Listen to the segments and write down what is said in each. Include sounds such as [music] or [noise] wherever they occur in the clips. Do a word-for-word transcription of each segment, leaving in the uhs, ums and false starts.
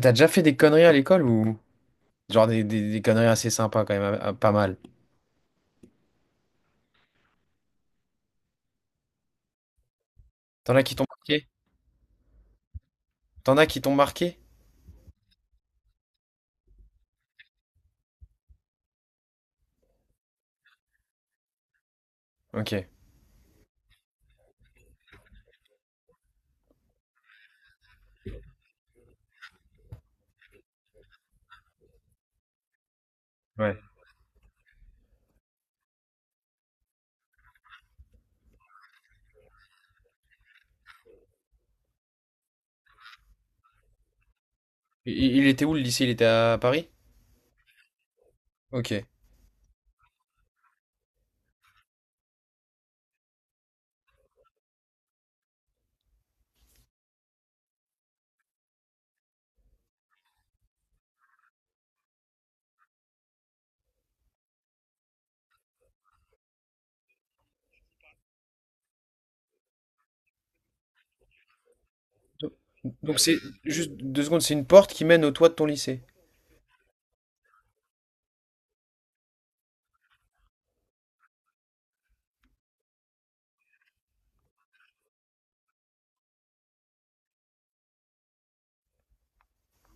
T'as déjà fait des conneries à l'école, ou genre des, des- des conneries assez sympas quand même, euh, euh, pas mal. T'en as qui t'ont marqué? T'en as qui t'ont marqué? Ok. Ouais. i- Il était où le lycée? Il était à Paris? Ok. Do- Donc c'est, juste deux secondes, c'est une porte qui mène au toit de ton lycée.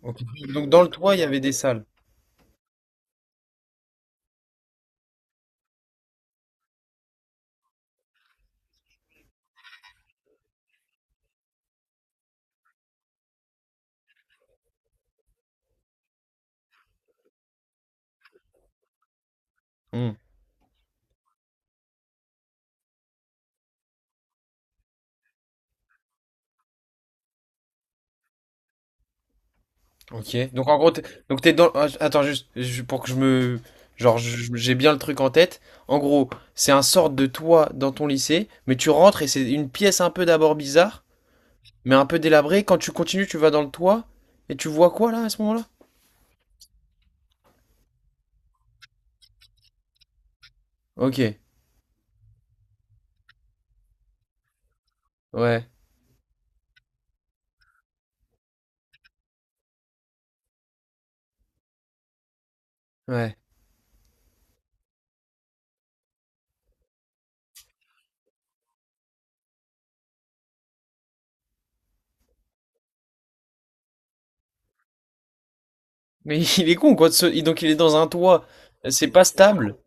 Ok. Donc dans le toit, il y avait des salles. Hmm. Ok. Donc en gros, t'es- donc t'es dans, ah, attends juste je- pour que je me, genre je- j'ai bien le truc en tête. En gros, c'est un sorte de toit dans ton lycée, mais tu rentres et c'est une pièce un peu d'abord bizarre. Mais un peu délabré, quand tu continues, tu vas dans le toit, et tu vois quoi là à ce moment-là? Ok, ouais, ouais. Mais [laughs] il est con quoi, de se- il- donc il est dans un toit, c'est pas stable.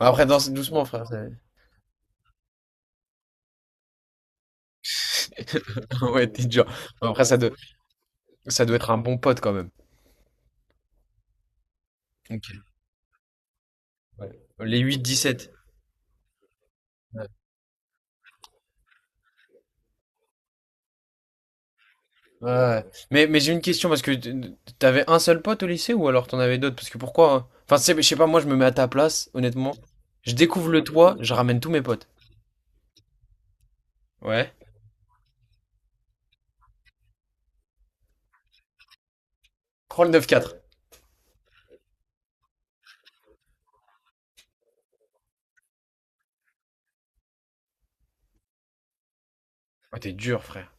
Après, danse doucement frère. ça- [laughs] Ouais, t'es dur. Après, ça doit, ça doit être un bon pote quand même. Ok. Ouais. Les huit dix-sept. Ouais. Ouais, ouais. Mais, mais j'ai une question parce que t- t'avais un seul pote au lycée, ou alors t'en avais d'autres? Parce que pourquoi, hein? Enfin, c'est- je sais pas, moi je me mets à ta place, honnêtement. Je découvre le toit, je ramène tous mes potes. Ouais. Prends le neuf quatre. Ouais, t'es dur, frère.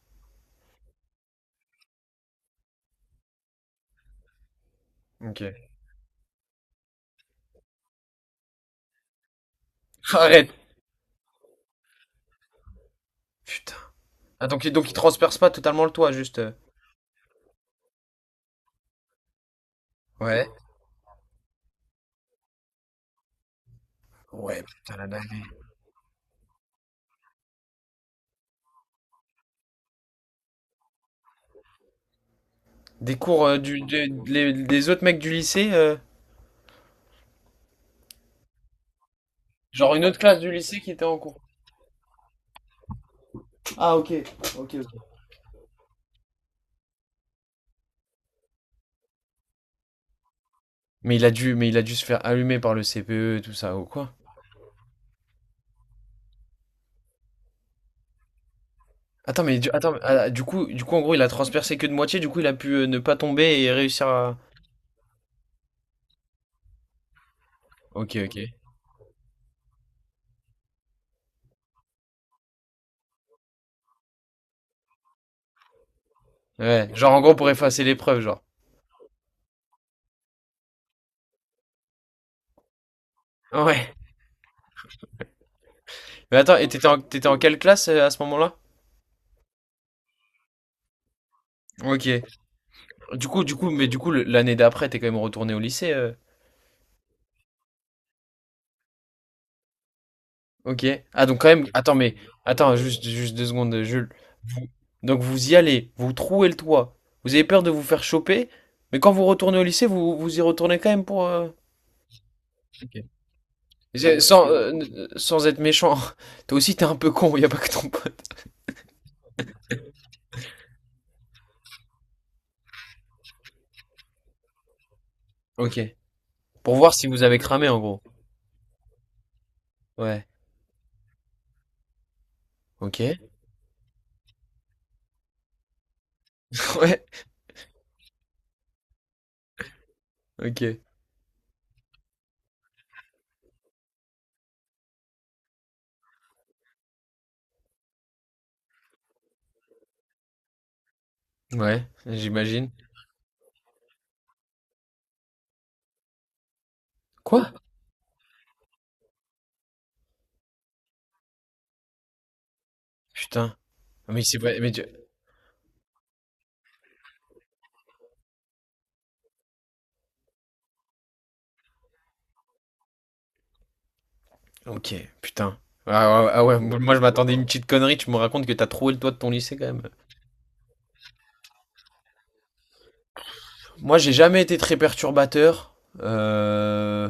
Ok. [laughs] Arrête. Putain. Ah, donc, donc il transperce pas totalement le toit, juste. euh. Ouais. Ouais, putain, la dinguerie. Des cours euh, du, de- les- des autres mecs du lycée, euh, genre une autre classe du lycée qui était en cours. Ah, ok. Ok, ok. Mais il a dû, mais il a dû se faire allumer par le C P E, et tout ça, ou quoi? Attends, mais du, attends, mais, ah, du coup, du coup, en gros, il a transpercé que de moitié, du coup, il a pu euh, ne pas tomber et réussir à. Ok, ok. Ouais, genre en gros pour effacer l'épreuve, genre. Ouais. Mais attends, et t'étais en, t'étais en quelle classe euh, à ce moment-là? Ok. Du coup, du coup, mais du coup, le- l'année d'après, t'es quand même retourné au lycée. euh. Ok. Ah, donc quand même. Attends, mais attends, juste, juste deux secondes, euh, Jules. Vous- Donc vous y allez, vous trouez le toit. Vous avez peur de vous faire choper, mais quand vous retournez au lycée, vous vous y retournez quand même pour. euh, Ok. C'est- Sans euh, n- sans être méchant. [laughs] Toi aussi, t'es un peu con. Y a pas que ton pote. Ok. Pour voir si vous avez cramé, en gros. Ouais. Ok. [laughs] Ouais. Ok. Ouais, j'imagine. Quoi? Putain. Mais c'est pas. Mais tu- Ok, putain. Ah ouais, ah ouais, moi je m'attendais à une petite connerie, tu me racontes que t'as trouvé le toit de ton lycée quand même. Moi j'ai jamais été très perturbateur. Euh,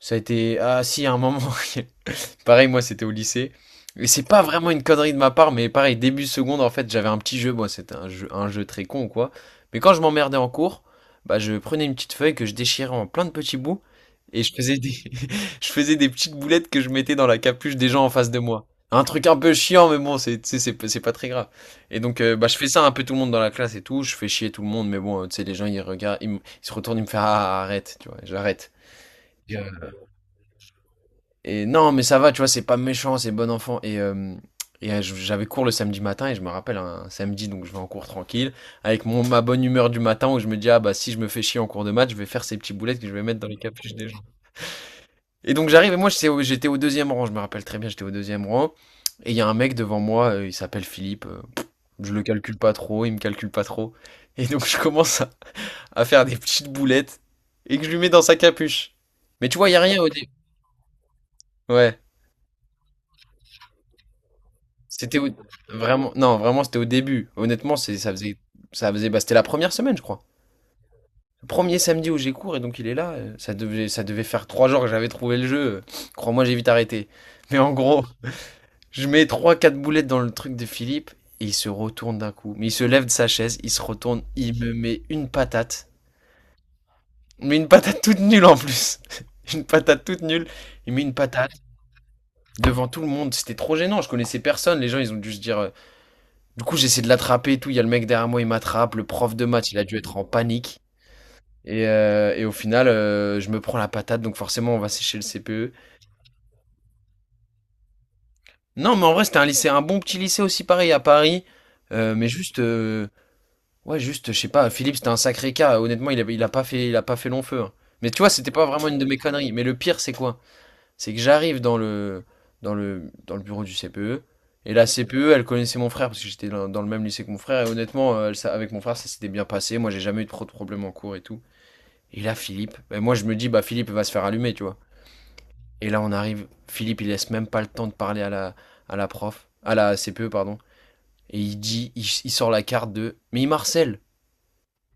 Ça a été... Ah si, à un moment, [laughs] pareil, moi, c'était au lycée. Et c'est pas vraiment une connerie de ma part, mais pareil, début seconde, en fait, j'avais un petit jeu. Moi, c'était un jeu, un jeu très con ou quoi. Mais quand je m'emmerdais en cours, bah, je prenais une petite feuille que je déchirais en plein de petits bouts et je faisais des, [laughs] je faisais des petites boulettes que je mettais dans la capuche des gens en face de moi. Un truc un peu chiant, mais bon, c'est, tu sais, c'est, pas- c'est pas très grave. Et donc, euh, bah, je fais ça un peu tout le monde dans la classe et tout. Je fais chier tout le monde, mais bon, euh, tu sais, les gens, ils regardent, ils, me- ils se retournent, ils me font, ah, arrête, tu vois, j'arrête. Et non, mais ça va, tu vois, c'est pas méchant, c'est bon enfant. Et, euh, et euh, j'avais cours le samedi matin et je me rappelle un samedi, donc je vais en cours tranquille, avec mon, ma bonne humeur du matin où je me dis, ah bah si je me fais chier en cours de maths, je vais faire ces petits boulettes que je vais mettre dans les capuches des gens. Et donc j'arrive et moi j'étais au, j'étais au deuxième rang, je me rappelle très bien, j'étais au deuxième rang. Et il y a un mec devant moi, euh, il s'appelle Philippe, euh, je le calcule pas trop, il me calcule pas trop. Et donc je commence à, à faire des petites boulettes et que je lui mets dans sa capuche. Mais tu vois, il y a rien au début. Ouais. C'était au... vraiment, non, vraiment, c'était au début. Honnêtement, c'est, ça faisait, ça faisait, bah, c'était la première semaine, je crois. Le premier samedi où j'ai cours, et donc il est là. euh, Ça devait, ça devait faire trois jours que j'avais trouvé le jeu. euh, Crois-moi, j'ai vite arrêté. Mais en gros, je mets trois, quatre boulettes dans le truc de Philippe, et il se retourne d'un coup. Mais il se lève de sa chaise, il se retourne, il me met une patate. Mais une patate toute nulle en plus. [laughs] Une patate toute nulle. Il met une patate devant tout le monde. C'était trop gênant, je connaissais personne. Les gens, ils ont dû se dire, euh, du coup, j'essaie de l'attraper et tout. Il y a le mec derrière moi, il m'attrape. Le prof de maths, il a dû être en panique. Et, euh, et au final, euh, je me prends la patate, donc forcément, on va sécher le C P E. Non, mais en vrai, c'était un lycée, un bon petit lycée aussi, pareil, à Paris. Euh, mais juste, euh, ouais, juste, je sais pas, Philippe, c'était un sacré cas. Honnêtement, il a, il a pas fait, il a pas fait long feu, hein. Mais tu vois, c'était pas vraiment une de mes conneries. Mais le pire, c'est quoi? C'est que j'arrive dans le, dans le, dans le bureau du C P E. Et la C P E, elle connaissait mon frère parce que j'étais dans dans le même lycée que mon frère. Et honnêtement, euh, elle sa- avec mon frère, ça s'était bien passé. Moi, j'ai jamais eu trop de problèmes en cours et tout. Et là, Philippe, ben, moi, je me dis, bah, Philippe va se faire allumer, tu vois. Et là, on arrive. Philippe, il laisse même pas le temps de parler à la, à la prof, à la C P E, pardon. Et il dit, il, il sort la carte de, mais il marcelle.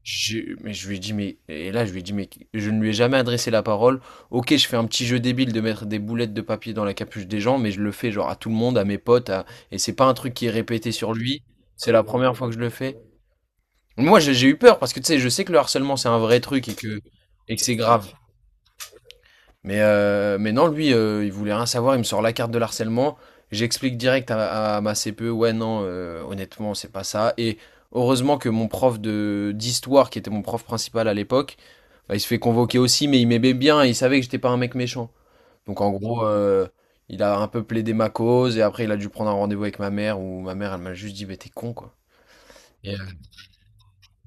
Je, mais je lui ai dit, mais, et là, je lui ai dit, mais je ne lui ai jamais adressé la parole. Ok, je fais un petit jeu débile de mettre des boulettes de papier dans la capuche des gens, mais je le fais genre à tout le monde, à mes potes, à- et c'est pas un truc qui est répété sur lui. C'est la première fois que je le fais. Moi, j'ai j'ai eu peur parce que tu sais, je sais que le harcèlement c'est un vrai truc et que, et que c'est grave. Mais, euh, mais non, lui, euh, il voulait rien savoir. Il me sort la carte de l'harcèlement. J'explique direct à, à ma C P E, ouais, non, euh, honnêtement, c'est pas ça. Et heureusement que mon prof de d'histoire, qui était mon prof principal à l'époque, bah, il se fait convoquer aussi, mais il m'aimait bien et il savait que j'étais pas un mec méchant. Donc en gros, euh, il a un peu plaidé ma cause et après il a dû prendre un rendez-vous avec ma mère où ma mère elle m'a juste dit, mais t'es con quoi. Et, euh,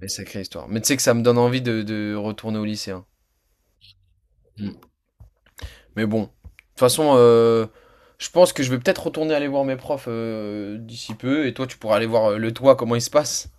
mais sacrée histoire. Mais tu sais que ça me donne envie de, de retourner au lycée, hein. Mais bon, de toute façon, euh, je pense que je vais peut-être retourner aller voir mes profs euh, d'ici peu et toi tu pourras aller voir euh, le toit comment il se passe.